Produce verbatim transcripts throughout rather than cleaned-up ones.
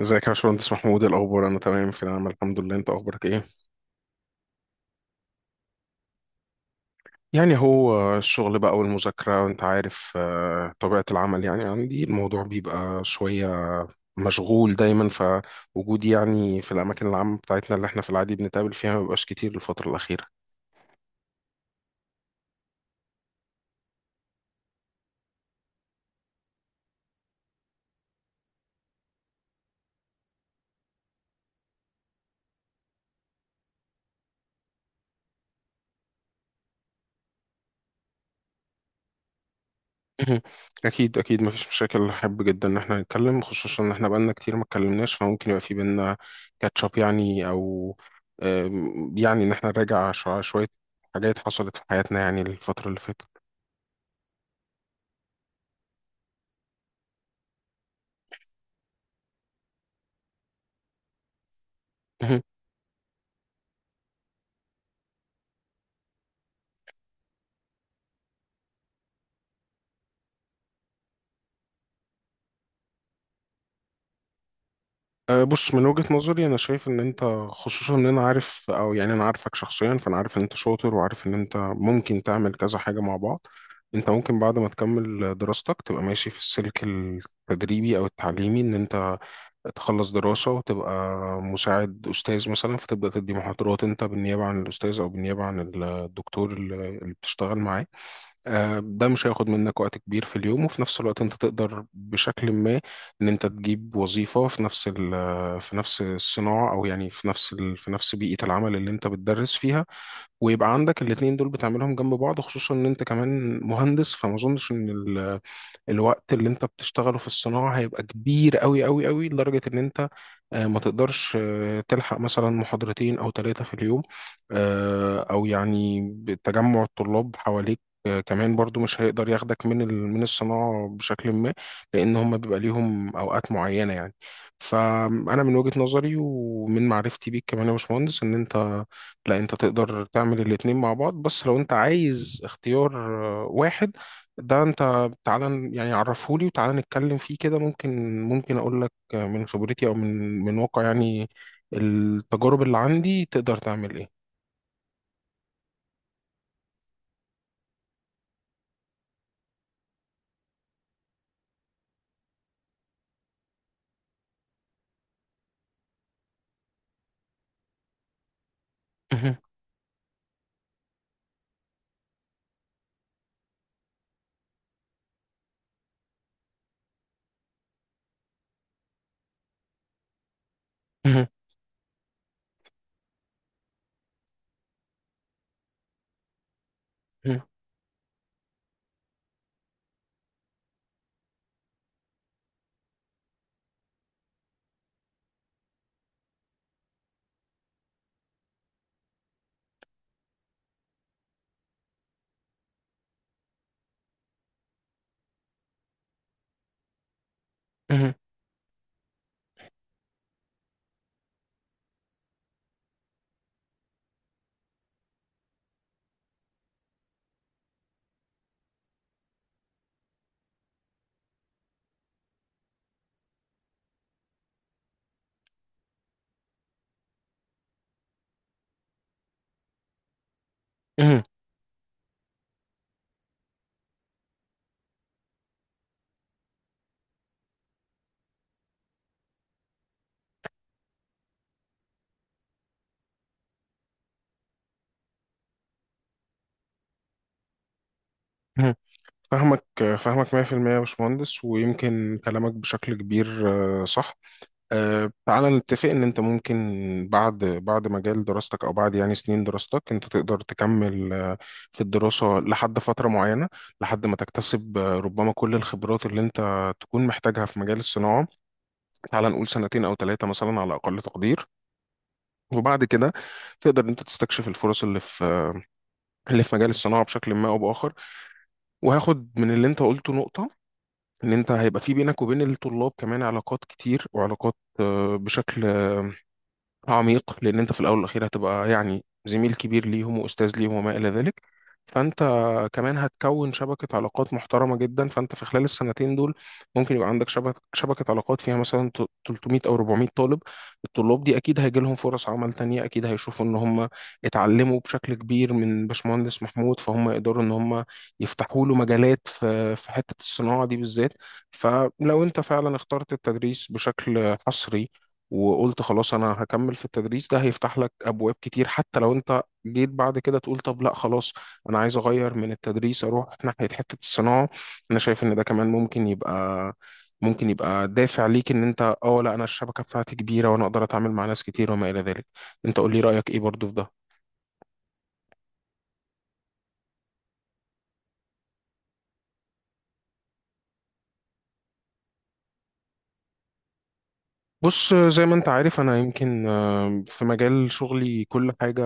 ازيك يا باشمهندس محمود، إيه الاخبار؟ انا تمام، في نعم الحمد لله. انت اخبارك ايه؟ يعني هو الشغل بقى والمذاكره وانت عارف، آه، طبيعه العمل. يعني عندي الموضوع بيبقى شويه مشغول دايما. فوجودي يعني في الاماكن العامه بتاعتنا اللي احنا في العادي بنتقابل فيها ما بيبقاش كتير الفتره الاخيره. مهم. اكيد اكيد مفيش مشاكل، احب جدا ان احنا نتكلم، خصوصا ان احنا بقالنا كتير ما اتكلمناش، فممكن يبقى في بينا كاتشاب يعني، او آم، يعني ان احنا نراجع شو- شويه حاجات حصلت في حياتنا يعني الفترة اللي فاتت. مهم. أه، بص، من وجهة نظري أنا شايف إن أنت، خصوصا إن أنا عارف، أو يعني أنا عارفك شخصيا، فأنا عارف إن أنت شاطر وعارف إن أنت ممكن تعمل كذا حاجة مع بعض. أنت ممكن بعد ما تكمل دراستك تبقى ماشي في السلك التدريبي أو التعليمي، إن أنت تخلص دراسة وتبقى مساعد أستاذ مثلا، فتبدأ تدي محاضرات أنت بالنيابة عن الأستاذ أو بالنيابة عن الدكتور اللي اللي بتشتغل معاه. آه، ده مش هياخد منك وقت كبير في اليوم، وفي نفس الوقت انت تقدر بشكل ما ان انت تجيب وظيفة في نفس ال- في نفس الصناعة، او يعني في نفس ال- في نفس بيئة العمل اللي انت بتدرس فيها. ويبقى عندك الاتنين دول بتعملهم جنب بعض، خصوصا ان انت كمان مهندس، فما اظنش ان ال- الوقت اللي انت بتشتغله في الصناعة هيبقى كبير قوي قوي قوي لدرجة ان انت آه، ما تقدرش آه، تلحق مثلا محاضرتين او ثلاثة في اليوم، آه، او يعني تجمع الطلاب حواليك. آه، كمان برضو مش هيقدر ياخدك من ال- من الصناعة بشكل ما، لأن هم بيبقى ليهم أوقات معينة يعني. فأنا من وجهة نظري ومن معرفتي بيك كمان يا باشمهندس، إن أنت لا، أنت تقدر تعمل الاتنين مع بعض، بس لو أنت عايز اختيار آه، واحد، ده أنت تعالى ن- يعني عرفهولي وتعالى نتكلم فيه كده، ممكن ممكن اقول لك من خبرتي او من من واقع يعني التجارب اللي عندي تقدر تعمل ايه. مهم، مهم، مهم، مهم، مهم، مهم. فاهمك فاهمك مية في المية يا باشمهندس، ويمكن كلامك بشكل كبير آه، صح. أه تعالى نتفق ان انت ممكن بعد بعد مجال دراستك، او بعد يعني سنين دراستك، انت تقدر تكمل آه، في الدراسة لحد فترة معينة، لحد ما تكتسب آه، ربما كل الخبرات اللي انت تكون محتاجها في مجال الصناعة. تعالى نقول سنتين او ثلاثة مثلا على اقل تقدير، وبعد كده تقدر إن انت تستكشف الفرص اللي في اللي في مجال الصناعة بشكل ما او باخر. وهاخد من اللي انت قلته نقطة، ان انت هيبقى في بينك وبين الطلاب كمان علاقات كتير، وعلاقات آه، بشكل عميق، لان انت في الاول والاخير هتبقى يعني زميل كبير ليهم واستاذ ليهم وما الى ذلك. فانت كمان هتكون شبكه علاقات محترمه جدا. فانت في خلال السنتين دول ممكن يبقى عندك شبكه شبكه علاقات فيها مثلا ت- تلتمية او أربعمئة طالب. الطلاب دي اكيد هيجي لهم فرص عمل تانية، اكيد هيشوفوا ان هم اتعلموا بشكل كبير من باشمهندس محمود، فهم يقدروا ان هم يفتحوا له مجالات في في حته الصناعه دي بالذات. فلو انت فعلا اخترت التدريس بشكل حصري وقلت خلاص انا هكمل في التدريس، ده هيفتح لك ابواب كتير، حتى لو انت جيت بعد كده تقول طب لا خلاص انا عايز اغير من التدريس اروح ناحية حتة الصناعة، انا شايف ان ده كمان ممكن يبقى ممكن يبقى دافع ليك ان انت اه لا، انا الشبكة بتاعتي كبيرة وانا اقدر اتعامل مع ناس كتير وما الى ذلك. انت قول لي رأيك ايه برضو في ده. بص، زي ما انت عارف انا يمكن آه، في مجال شغلي كل حاجة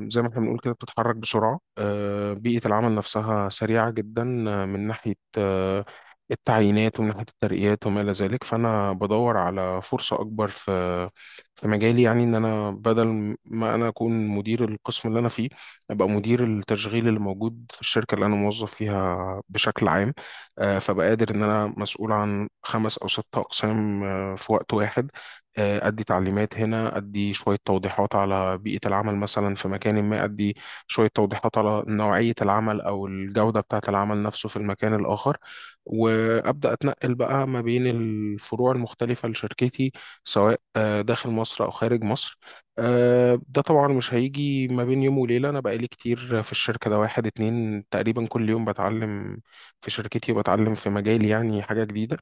زي ما احنا بنقول كده بتتحرك بسرعة. آه، بيئة العمل نفسها سريعة جدا، آه، من ناحية آه، التعيينات ومن ناحية الترقيات وما إلى ذلك. فأنا بدور على فرصة أكبر في في مجالي، يعني إن أنا بدل ما أنا أكون مدير القسم اللي أنا فيه أبقى مدير التشغيل اللي موجود في الشركة اللي أنا موظف فيها بشكل عام. آه، فبقى قادر إن أنا مسؤول عن خمس أو ست أقسام آه، في وقت واحد. آه، أدي تعليمات هنا، أدي شوية توضيحات على بيئة العمل مثلا في مكان ما، أدي شوية توضيحات على نوعية العمل أو الجودة بتاعة العمل نفسه في المكان الآخر، وأبدأ أتنقل بقى ما بين الفروع المختلفة لشركتي، سواء آه، داخل مصر أو خارج مصر. آه، ده طبعا مش هيجي ما بين يوم وليلة، أنا بقالي كتير في الشركة ده، واحد اتنين تقريبا كل يوم بتعلم في شركتي وبتعلم في مجالي يعني حاجة جديدة،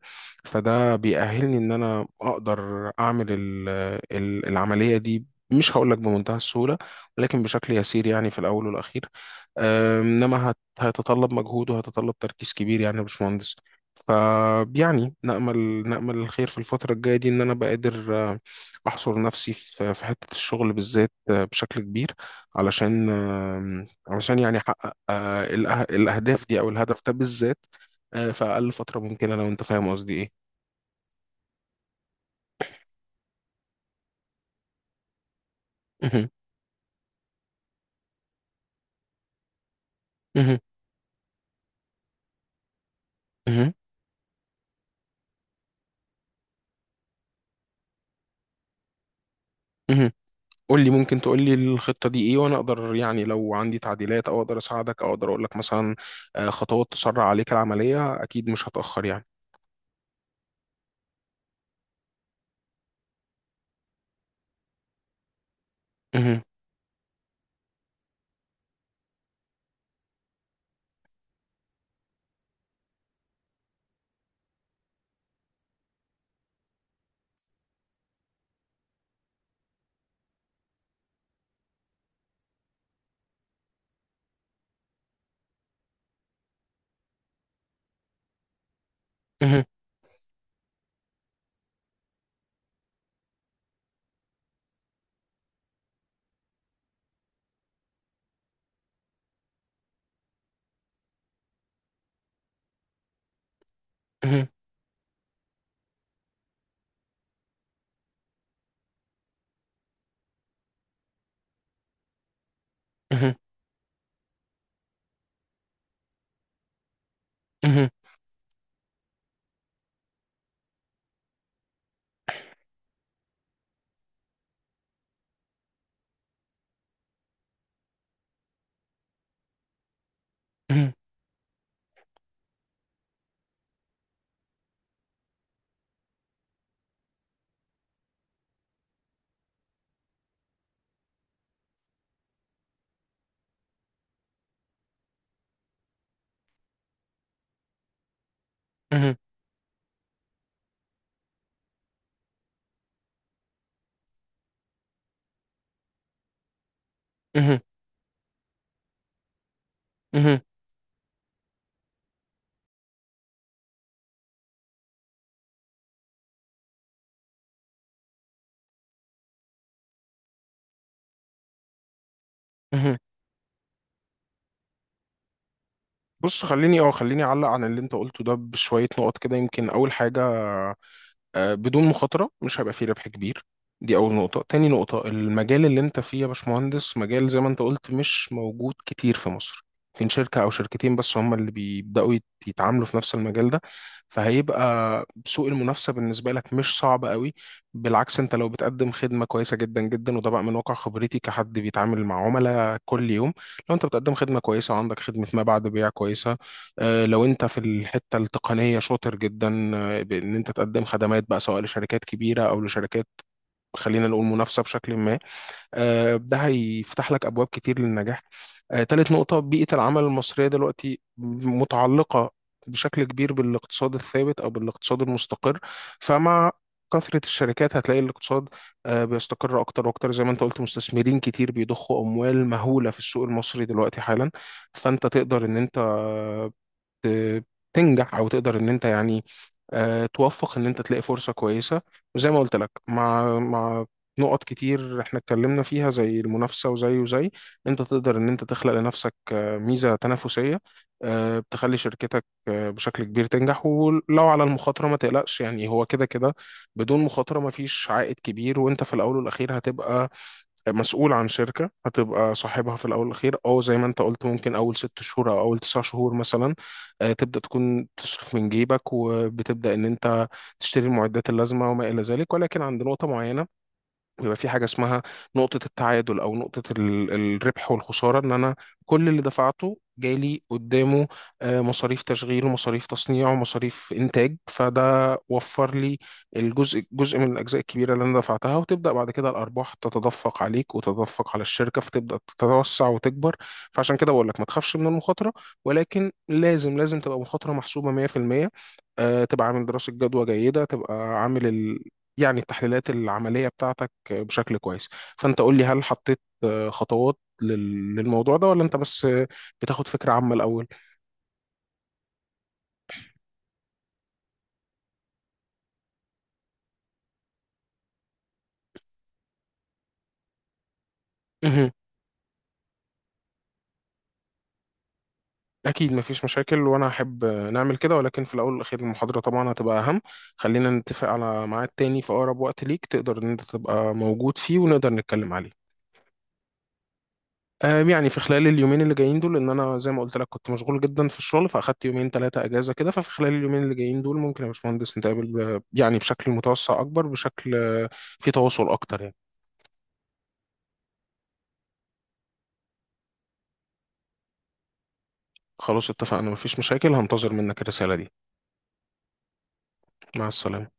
فده بيأهلني ان انا اقدر اعمل ال- ال- العملية دي. مش هقول لك بمنتهى السهولة ولكن بشكل يسير يعني في الاول والاخير. أم، انما هت- هيتطلب مجهود وهيتطلب تركيز كبير يعني يا باشمهندس. فيعني نأمل نأمل الخير في الفترة الجاية دي، إن أنا أبقى قادر آه، أحصر نفسي في في حتة الشغل بالذات آه، بشكل كبير، علشان آم، علشان يعني أحقق آه، الأه- الأهداف دي أو الهدف ده بالذات آه، في أقل فترة ممكنة، لو أنت فاهم قصدي إيه. مهم. مهم. مهم. مهم. قول لي، ممكن تقول لي الخطة دي ايه، وانا اقدر يعني لو عندي تعديلات او اقدر اساعدك او اقدر اقول لك مثلا آه، خطوات تسرع عليك العملية، اكيد مش هتأخر يعني. مهم. مهم. مهم. مهم. مهم. مهم. مهم. مهم. مهم. مهم. بص، خليني او خليني اعلق عن اللي انت قلته ده بشوية نقط كده. يمكن اول حاجة، آه، بدون مخاطرة مش هيبقى فيه ربح كبير، دي أول نقطة. تاني نقطة، المجال اللي أنت فيه يا باشمهندس مجال زي ما أنت قلت مش موجود كتير في مصر، يمكن شركة أو شركتين بس هم اللي بيبدأوا يت- يتعاملوا في نفس المجال ده، فهيبقى سوق المنافسة بالنسبة لك مش صعب قوي. بالعكس، أنت لو بتقدم خدمة كويسة جدا جدا، وده بقى من واقع خبرتي كحد بيتعامل مع عملاء كل يوم، لو أنت بتقدم خدمة كويسة وعندك خدمة ما بعد بيع كويسة، آه، لو انت في الحته التقنيه شاطر جدا آه، بان انت تقدم خدمات بقى سواء لشركات كبيره او لشركات خلينا نقول منافسه بشكل ما، آه، ده هيفتح لك ابواب كتير للنجاح. آه، تالت نقطه، بيئه العمل المصريه دلوقتي متعلقه بشكل كبير بالاقتصاد الثابت او بالاقتصاد المستقر. فمع كثرة الشركات هتلاقي الاقتصاد آه، بيستقر أكتر وأكتر، زي ما أنت قلت مستثمرين كتير بيضخوا أموال مهولة في السوق المصري دلوقتي حالا. فأنت تقدر إن أنت ت- تنجح، او تقدر ان انت يعني آه، توفق ان انت تلاقي فرصه كويسه. وزي ما قلت لك مع مع نقط كتير احنا اتكلمنا فيها زي المنافسه وزي وزي انت تقدر ان انت تخلق لنفسك آه، ميزه تنافسيه آه، بتخلي شركتك آه، بشكل كبير تنجح. ولو على المخاطره ما تقلقش يعني، هو كده كده بدون مخاطره ما فيش عائد كبير، وانت في الاول والاخير هتبقى مسؤول عن شركة هتبقى صاحبها في الأول والأخير. أو زي ما أنت قلت ممكن أول ست شهور أو أول تسع شهور مثلا آه، تبدأ تكون تصرف من جيبك وبتبدأ إن أنت تشتري المعدات اللازمة وما إلى ذلك، ولكن عند نقطة معينة ويبقى في حاجة اسمها نقطة التعادل أو نقطة ال- الربح والخسارة، إن أنا كل اللي دفعته جالي قدامه آه، مصاريف تشغيل ومصاريف تصنيع ومصاريف إنتاج، فده وفر لي الجزء، جزء من الأجزاء الكبيرة اللي أنا دفعتها، وتبدأ بعد كده الأرباح تتدفق عليك وتتدفق على الشركة فتبدأ تتوسع وتكبر. فعشان كده بقول لك ما تخافش من المخاطرة، ولكن لازم لازم تبقى مخاطرة محسوبة مية في المية. آه، تبقى عامل دراسة جدوى جيدة، تبقى عامل ال... يعني التحليلات العملية بتاعتك بشكل كويس. فانت قول لي هل حطيت آه، خطوات لل- للموضوع ده، ولا انت بس آه، بتاخد فكرة عامة الاول. مهم. اكيد مفيش مشاكل وانا احب آه، نعمل كده، ولكن في الاول والاخير المحاضرة طبعا هتبقى اهم. خلينا نتفق على ميعاد تاني في اقرب وقت ليك تقدر ان انت تبقى موجود فيه ونقدر نتكلم عليه. آم، يعني في خلال اليومين اللي جايين دول ان انا زي ما قلت لك كنت مشغول جدا في الشغل، فاخدت يومين ثلاثه اجازه كده، ففي خلال اليومين اللي جايين دول ممكن يا باشمهندس نتقابل ب- يعني بشكل متوسع اكبر بشكل آه، في تواصل اكتر يعني. خلاص اتفقنا مفيش مشاكل، هنتظر منك الرسالة دي. مع السلامة.